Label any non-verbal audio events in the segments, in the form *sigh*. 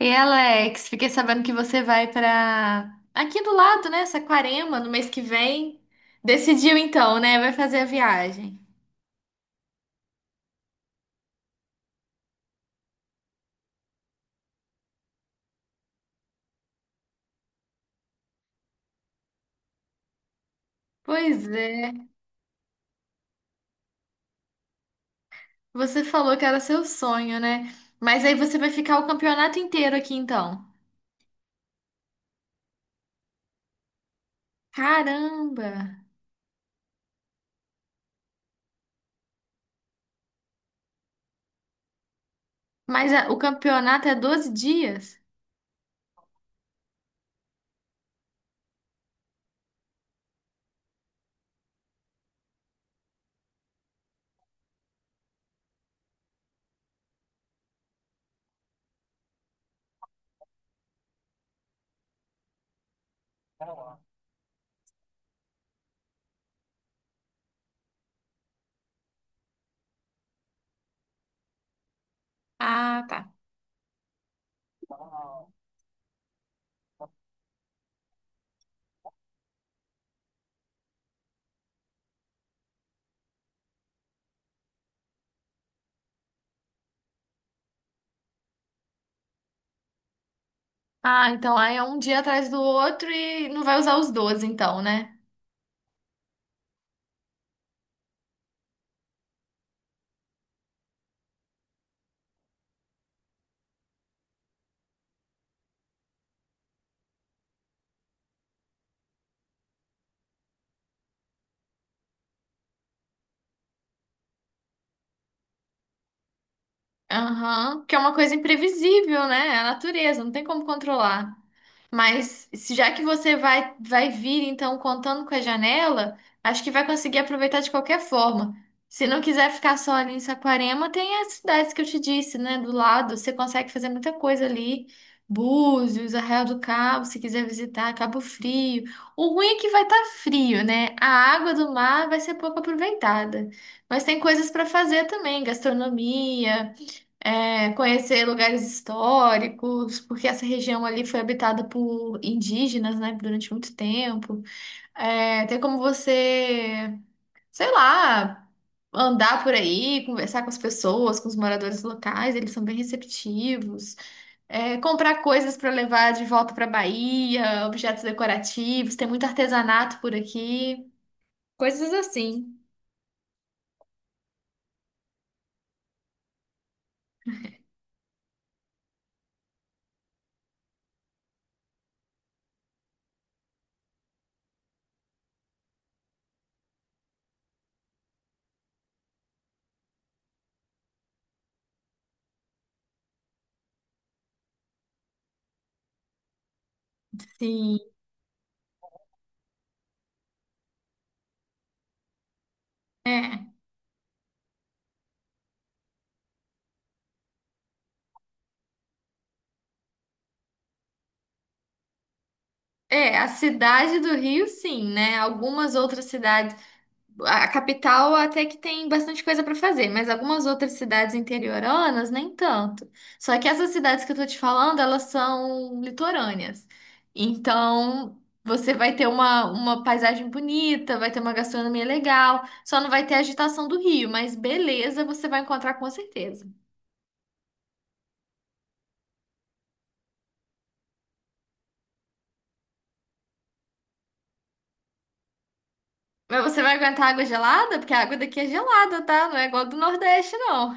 E Alex, fiquei sabendo que você vai pra aqui do lado, né? Saquarema, no mês que vem. Decidiu então, né? Vai fazer a viagem. Pois é. Você falou que era seu sonho, né? Mas aí você vai ficar o campeonato inteiro aqui então. Caramba! Mas o campeonato é 12 dias? Ah, tá. Ah, então aí é um dia atrás do outro e não vai usar os 12, então, né? Aham, que é uma coisa imprevisível, né? É a natureza, não tem como controlar. Mas já que você vai vir, então, contando com a janela, acho que vai conseguir aproveitar de qualquer forma. Se não quiser ficar só ali em Saquarema, tem as cidades que eu te disse, né? Do lado, você consegue fazer muita coisa ali. Búzios, Arraial do Cabo, se quiser visitar, Cabo Frio. O ruim é que vai estar frio, né? A água do mar vai ser pouco aproveitada. Mas tem coisas para fazer também, gastronomia é, conhecer lugares históricos, porque essa região ali foi habitada por indígenas, né, durante muito tempo. É, tem como você, sei lá, andar por aí, conversar com as pessoas, com os moradores locais, eles são bem receptivos. É, comprar coisas para levar de volta para Bahia, objetos decorativos, tem muito artesanato por aqui, coisas assim. Sim. É, é, a cidade do Rio, sim, né? Algumas outras cidades. A capital até que tem bastante coisa para fazer, mas algumas outras cidades interioranas nem tanto. Só que essas cidades que eu tô te falando, elas são litorâneas. Então, você vai ter uma paisagem bonita, vai ter uma gastronomia legal, só não vai ter a agitação do rio, mas beleza, você vai encontrar com certeza. Mas você vai aguentar água gelada? Porque a água daqui é gelada, tá? Não é igual a do Nordeste, não.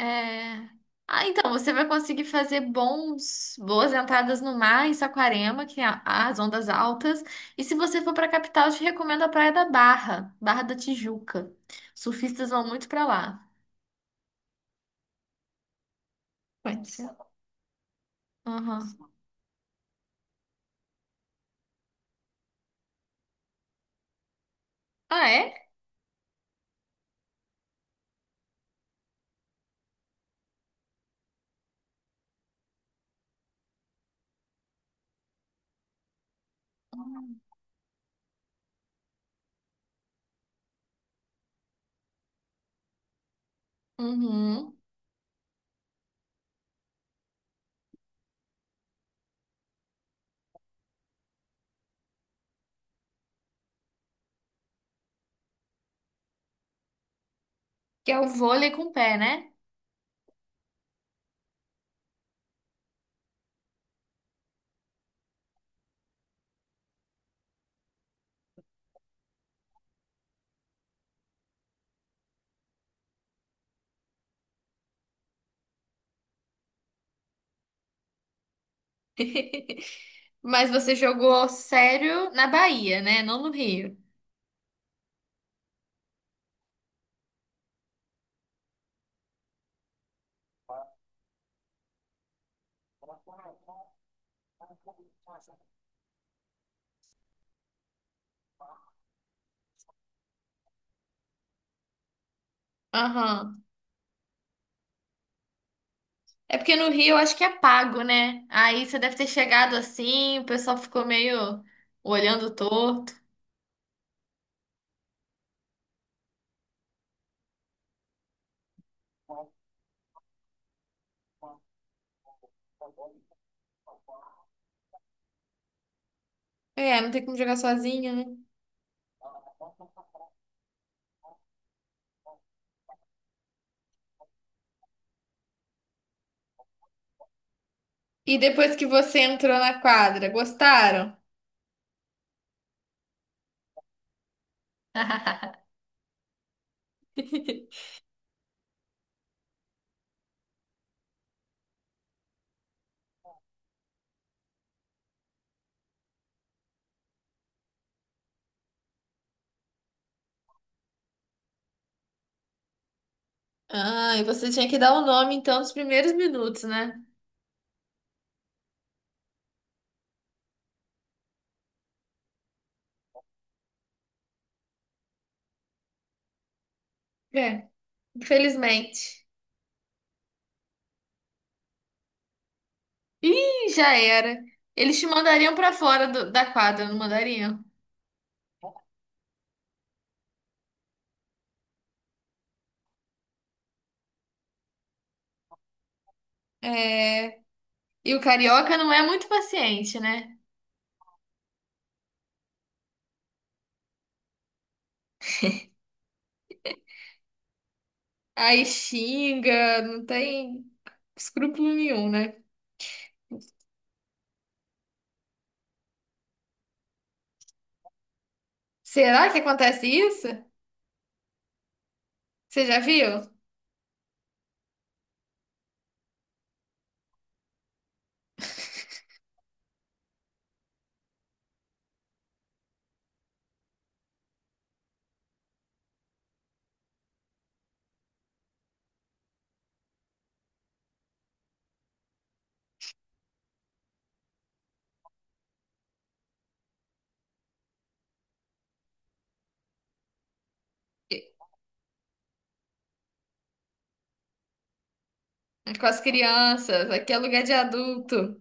É... Ah, então, você vai conseguir fazer bons, boas entradas no mar em Saquarema, que tem as ondas altas. E se você for para a capital, eu te recomendo a Praia da Barra, Barra da Tijuca. Surfistas vão muito para lá. Pode ser. Aham. Ah, é? Uhum. Que é o vôlei com o pé, né? *laughs* Mas você jogou sério na Bahia, né? Não no Rio. Aham. É porque no Rio eu acho que é pago, né? Aí você deve ter chegado assim, o pessoal ficou meio olhando torto. É, não tem como jogar sozinho, né? E depois que você entrou na quadra, gostaram? *laughs* Ah, e você tinha que dar o nome então dos primeiros minutos, né? É, infelizmente. Ih, já era. Eles te mandariam pra fora da quadra, não mandariam? É. E o carioca não é muito paciente, né? Aí xinga, não tem. Escrúpulo nenhum, né? Será que acontece isso? Você já viu? Com as crianças, aqui é lugar de adulto.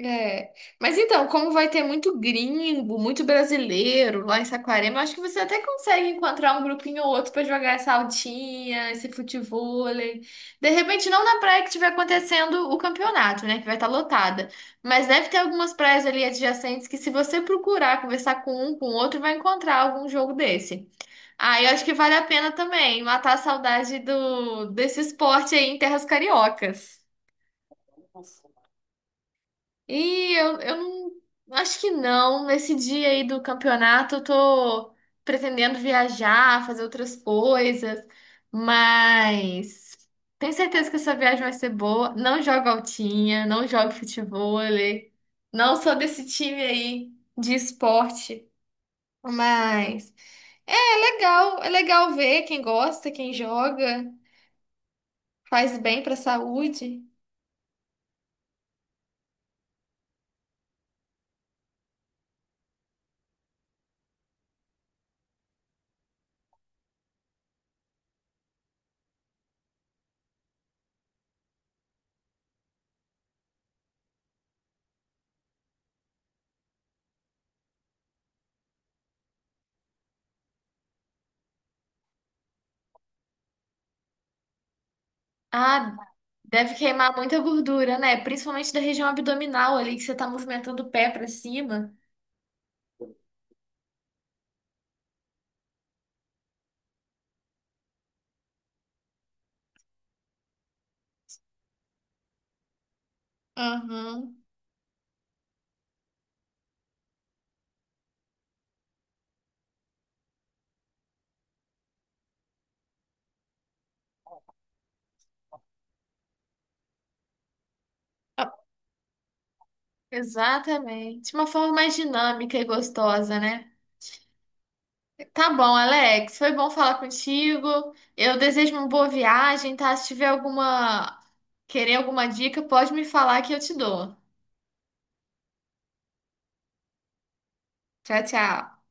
É. Mas então, como vai ter muito gringo, muito brasileiro lá em Saquarema, eu acho que você até consegue encontrar um grupinho ou outro pra jogar essa altinha, esse futevôlei. De repente, não na praia que estiver acontecendo o campeonato, né? Que vai estar lotada. Mas deve ter algumas praias ali adjacentes que, se você procurar conversar com um, com o outro, vai encontrar algum jogo desse. Ah, eu acho que vale a pena também matar a saudade do desse esporte aí em terras cariocas. E eu não acho que não. Nesse dia aí do campeonato, eu tô pretendendo viajar, fazer outras coisas, mas tenho certeza que essa viagem vai ser boa. Não jogo altinha, não jogo futevôlei, não sou desse time aí de esporte, mas é é legal ver quem gosta, quem joga. Faz bem para a saúde? Ah, deve queimar muita gordura, né? Principalmente da região abdominal ali, que você tá movimentando o pé para cima. Aham. Ah, exatamente. Uma forma mais dinâmica e gostosa, né? Tá bom, Alex. Foi bom falar contigo. Eu desejo uma boa viagem, tá? Se tiver alguma, querer alguma dica, pode me falar que eu te dou. Tchau, tchau.